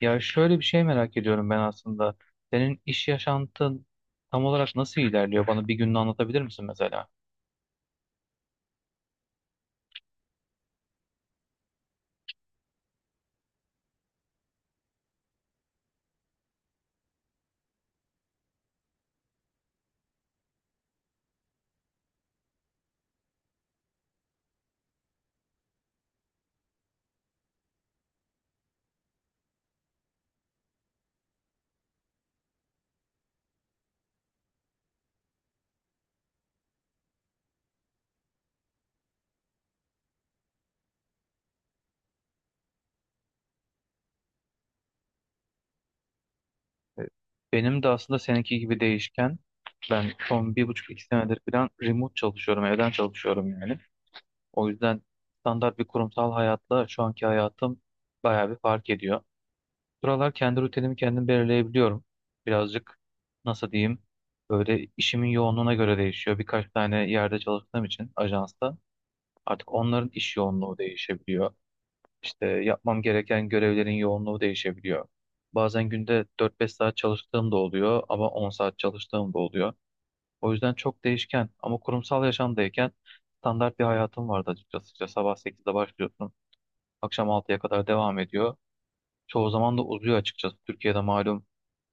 Ya şöyle bir şey merak ediyorum ben aslında. Senin iş yaşantın tam olarak nasıl ilerliyor? Bana bir gününü anlatabilir misin mesela? E, Benim de aslında seninki gibi değişken. Ben son bir buçuk iki senedir falan remote çalışıyorum, evden çalışıyorum yani. O yüzden standart bir kurumsal hayatla şu anki hayatım bayağı bir fark ediyor. Buralar kendi rutinimi kendim belirleyebiliyorum. Birazcık, nasıl diyeyim, böyle işimin yoğunluğuna göre değişiyor. Birkaç tane yerde çalıştığım için ajansta. Artık onların iş yoğunluğu değişebiliyor. İşte yapmam gereken görevlerin yoğunluğu değişebiliyor. Bazen günde 4-5 saat çalıştığım da oluyor ama 10 saat çalıştığım da oluyor. O yüzden çok değişken ama kurumsal yaşamdayken standart bir hayatım vardı açıkçası. İşte sabah 8'de başlıyorsun, akşam 6'ya kadar devam ediyor. Çoğu zaman da uzuyor açıkçası. Türkiye'de malum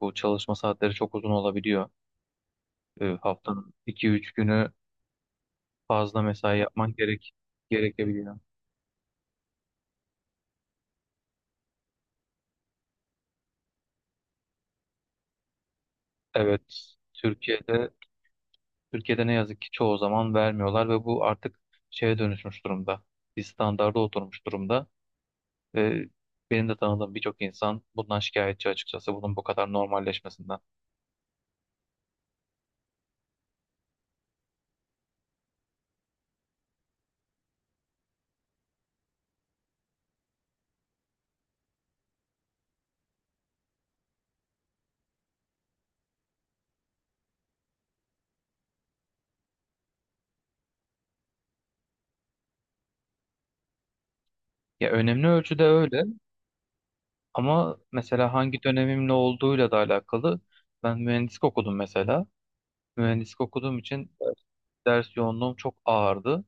bu çalışma saatleri çok uzun olabiliyor. Haftanın 2-3 günü fazla mesai yapman gerekebiliyor. Evet, Türkiye'de Türkiye'de ne yazık ki çoğu zaman vermiyorlar ve bu artık şeye dönüşmüş durumda. Bir standarda oturmuş durumda ve benim de tanıdığım birçok insan bundan şikayetçi açıkçası bunun bu kadar normalleşmesinden. Ya önemli ölçüde öyle ama mesela hangi dönemin ne olduğuyla da alakalı. Ben mühendislik okudum mesela. Mühendislik okuduğum için ders yoğunluğum çok ağırdı.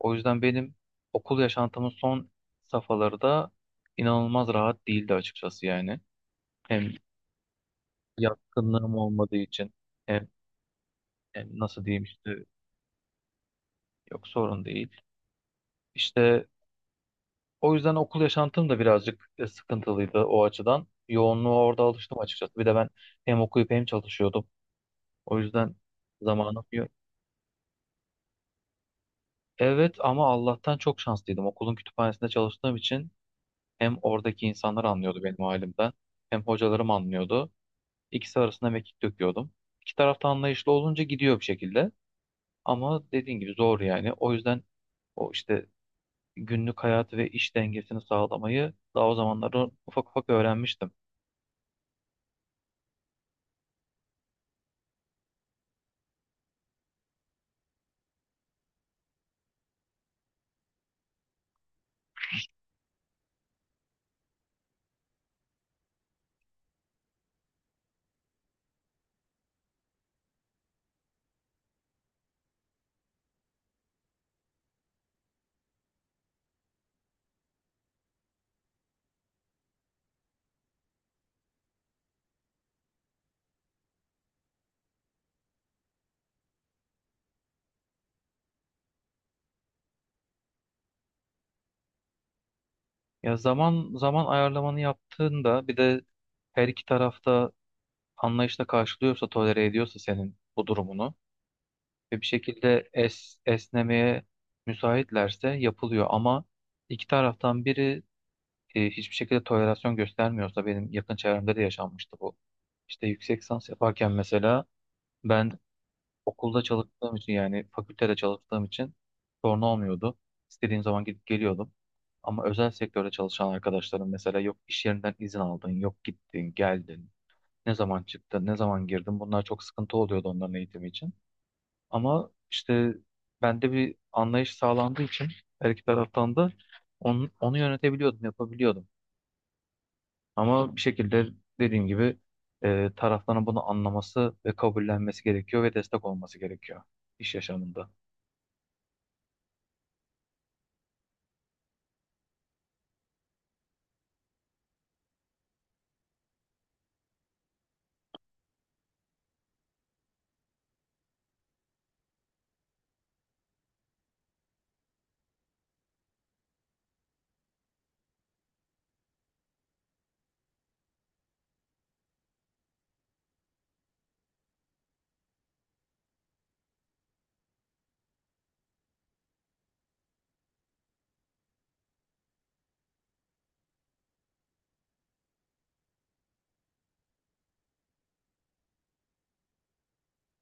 O yüzden benim okul yaşantımın son safhaları da inanılmaz rahat değildi açıkçası yani. Hem yatkınlığım olmadığı için, hem, hem nasıl diyeyim işte, yok sorun değil. İşte o yüzden okul yaşantım da birazcık sıkıntılıydı o açıdan. Yoğunluğa orada alıştım açıkçası. Bir de ben hem okuyup hem çalışıyordum. O yüzden zamanım yok. Evet ama Allah'tan çok şanslıydım. Okulun kütüphanesinde çalıştığım için hem oradaki insanlar anlıyordu benim halimden, hem hocalarım anlıyordu. İkisi arasında mekik döküyordum. İki tarafta anlayışlı olunca gidiyor bir şekilde. Ama dediğin gibi zor yani. O yüzden o işte günlük hayatı ve iş dengesini sağlamayı daha o zamanlarda ufak ufak öğrenmiştim. Ya zaman zaman ayarlamanı yaptığında bir de her iki tarafta anlayışla karşılıyorsa, tolere ediyorsa senin bu durumunu ve bir şekilde esnemeye müsaitlerse yapılıyor ama iki taraftan biri hiçbir şekilde tolerasyon göstermiyorsa benim yakın çevremde de yaşanmıştı bu. İşte yüksek lisans yaparken mesela ben okulda çalıştığım için, yani fakültede çalıştığım için sorun olmuyordu. İstediğim zaman gidip geliyordum. Ama özel sektörde çalışan arkadaşlarım mesela, yok iş yerinden izin aldın, yok gittin, geldin, ne zaman çıktın, ne zaman girdin. Bunlar çok sıkıntı oluyordu onların eğitimi için. Ama işte bende bir anlayış sağlandığı için her iki taraftan da onu yönetebiliyordum, yapabiliyordum. Ama bir şekilde dediğim gibi tarafların bunu anlaması ve kabullenmesi gerekiyor ve destek olması gerekiyor iş yaşamında.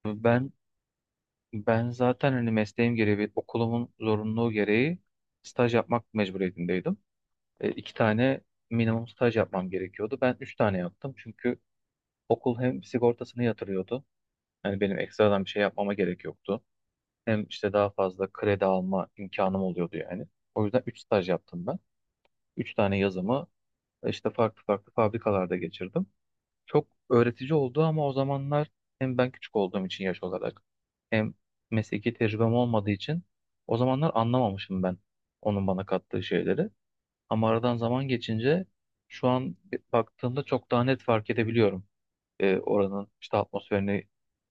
Ben ben zaten hani mesleğim gereği ve okulumun zorunluluğu gereği staj yapmak mecburiyetindeydim. İki tane minimum staj yapmam gerekiyordu. Ben üç tane yaptım çünkü okul hem sigortasını yatırıyordu. Yani benim ekstradan bir şey yapmama gerek yoktu. Hem işte daha fazla kredi alma imkanım oluyordu yani. O yüzden üç staj yaptım ben. Üç tane yazımı işte farklı farklı fabrikalarda geçirdim. Çok öğretici oldu ama o zamanlar hem ben küçük olduğum için yaş olarak, hem mesleki tecrübem olmadığı için o zamanlar anlamamışım ben onun bana kattığı şeyleri. Ama aradan zaman geçince şu an baktığımda çok daha net fark edebiliyorum. Oranın işte atmosferini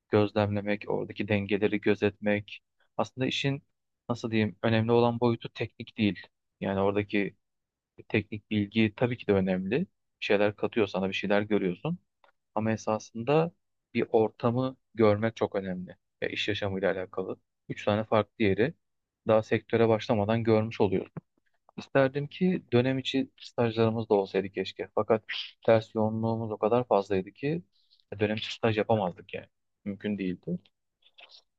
gözlemlemek, oradaki dengeleri gözetmek. Aslında işin, nasıl diyeyim, önemli olan boyutu teknik değil. Yani oradaki teknik bilgi tabii ki de önemli. Bir şeyler katıyor sana, bir şeyler görüyorsun. Ama esasında bir ortamı görmek çok önemli. Ya, iş yaşamıyla alakalı. Üç tane farklı yeri daha sektöre başlamadan görmüş oluyoruz. İsterdim ki dönem içi stajlarımız da olsaydı keşke. Fakat ders yoğunluğumuz o kadar fazlaydı ki dönem içi staj yapamazdık yani. Mümkün değildi.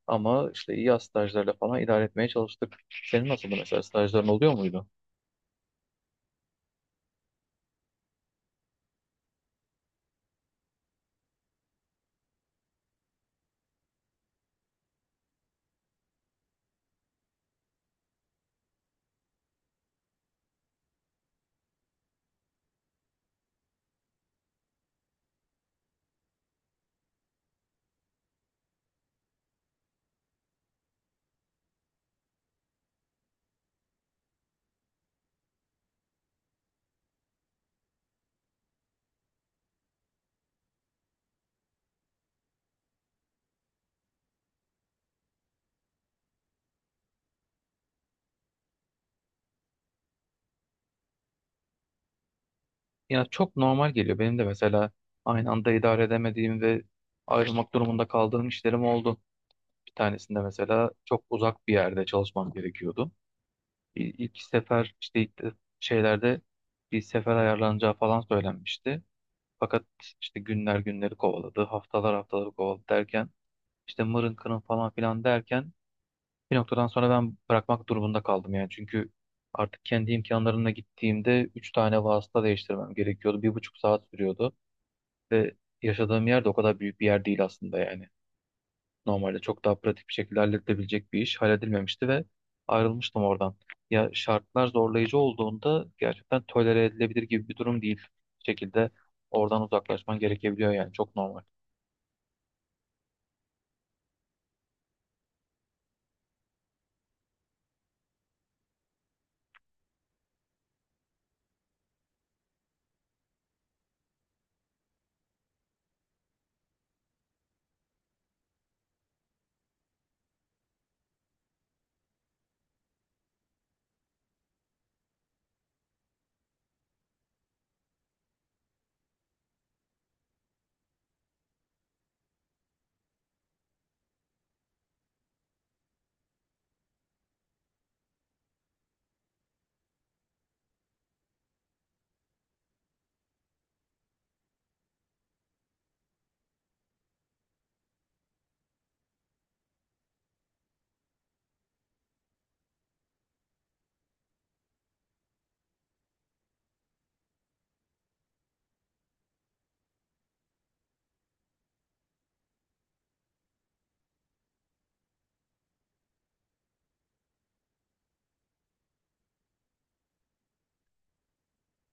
Ama işte yaz stajlarla falan idare etmeye çalıştık. Senin nasıldı mesela, stajların oluyor muydu? Ya çok normal geliyor. Benim de mesela aynı anda idare edemediğim ve ayrılmak durumunda kaldığım işlerim oldu. Bir tanesinde mesela çok uzak bir yerde çalışmam gerekiyordu. İlk sefer işte şeylerde bir sefer ayarlanacağı falan söylenmişti. Fakat işte günler günleri kovaladı, haftalar haftaları kovaladı derken, işte mırın kırın falan filan derken, bir noktadan sonra ben bırakmak durumunda kaldım yani. Çünkü artık kendi imkanlarımla gittiğimde 3 tane vasıta değiştirmem gerekiyordu. 1,5 saat sürüyordu ve yaşadığım yer de o kadar büyük bir yer değil aslında yani. Normalde çok daha pratik bir şekilde halledilebilecek bir iş halledilmemişti ve ayrılmıştım oradan. Ya, şartlar zorlayıcı olduğunda gerçekten tolere edilebilir gibi bir durum değil. Bir şekilde oradan uzaklaşman gerekebiliyor yani, çok normal.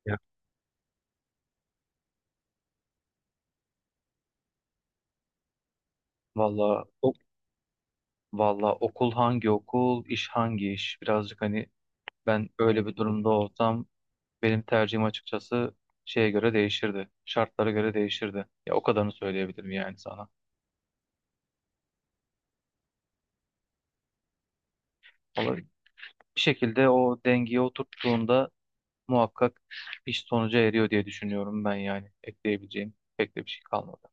Ya. Valla o- Valla okul hangi okul, iş hangi iş? Birazcık, hani, ben öyle bir durumda olsam benim tercihim açıkçası şeye göre değişirdi. Şartlara göre değişirdi. Ya, o kadarını söyleyebilirim yani sana. Ama bir şekilde o dengeye oturttuğunda muhakkak iş sonuca eriyor diye düşünüyorum ben yani. Ekleyebileceğim pek de bir şey kalmadı.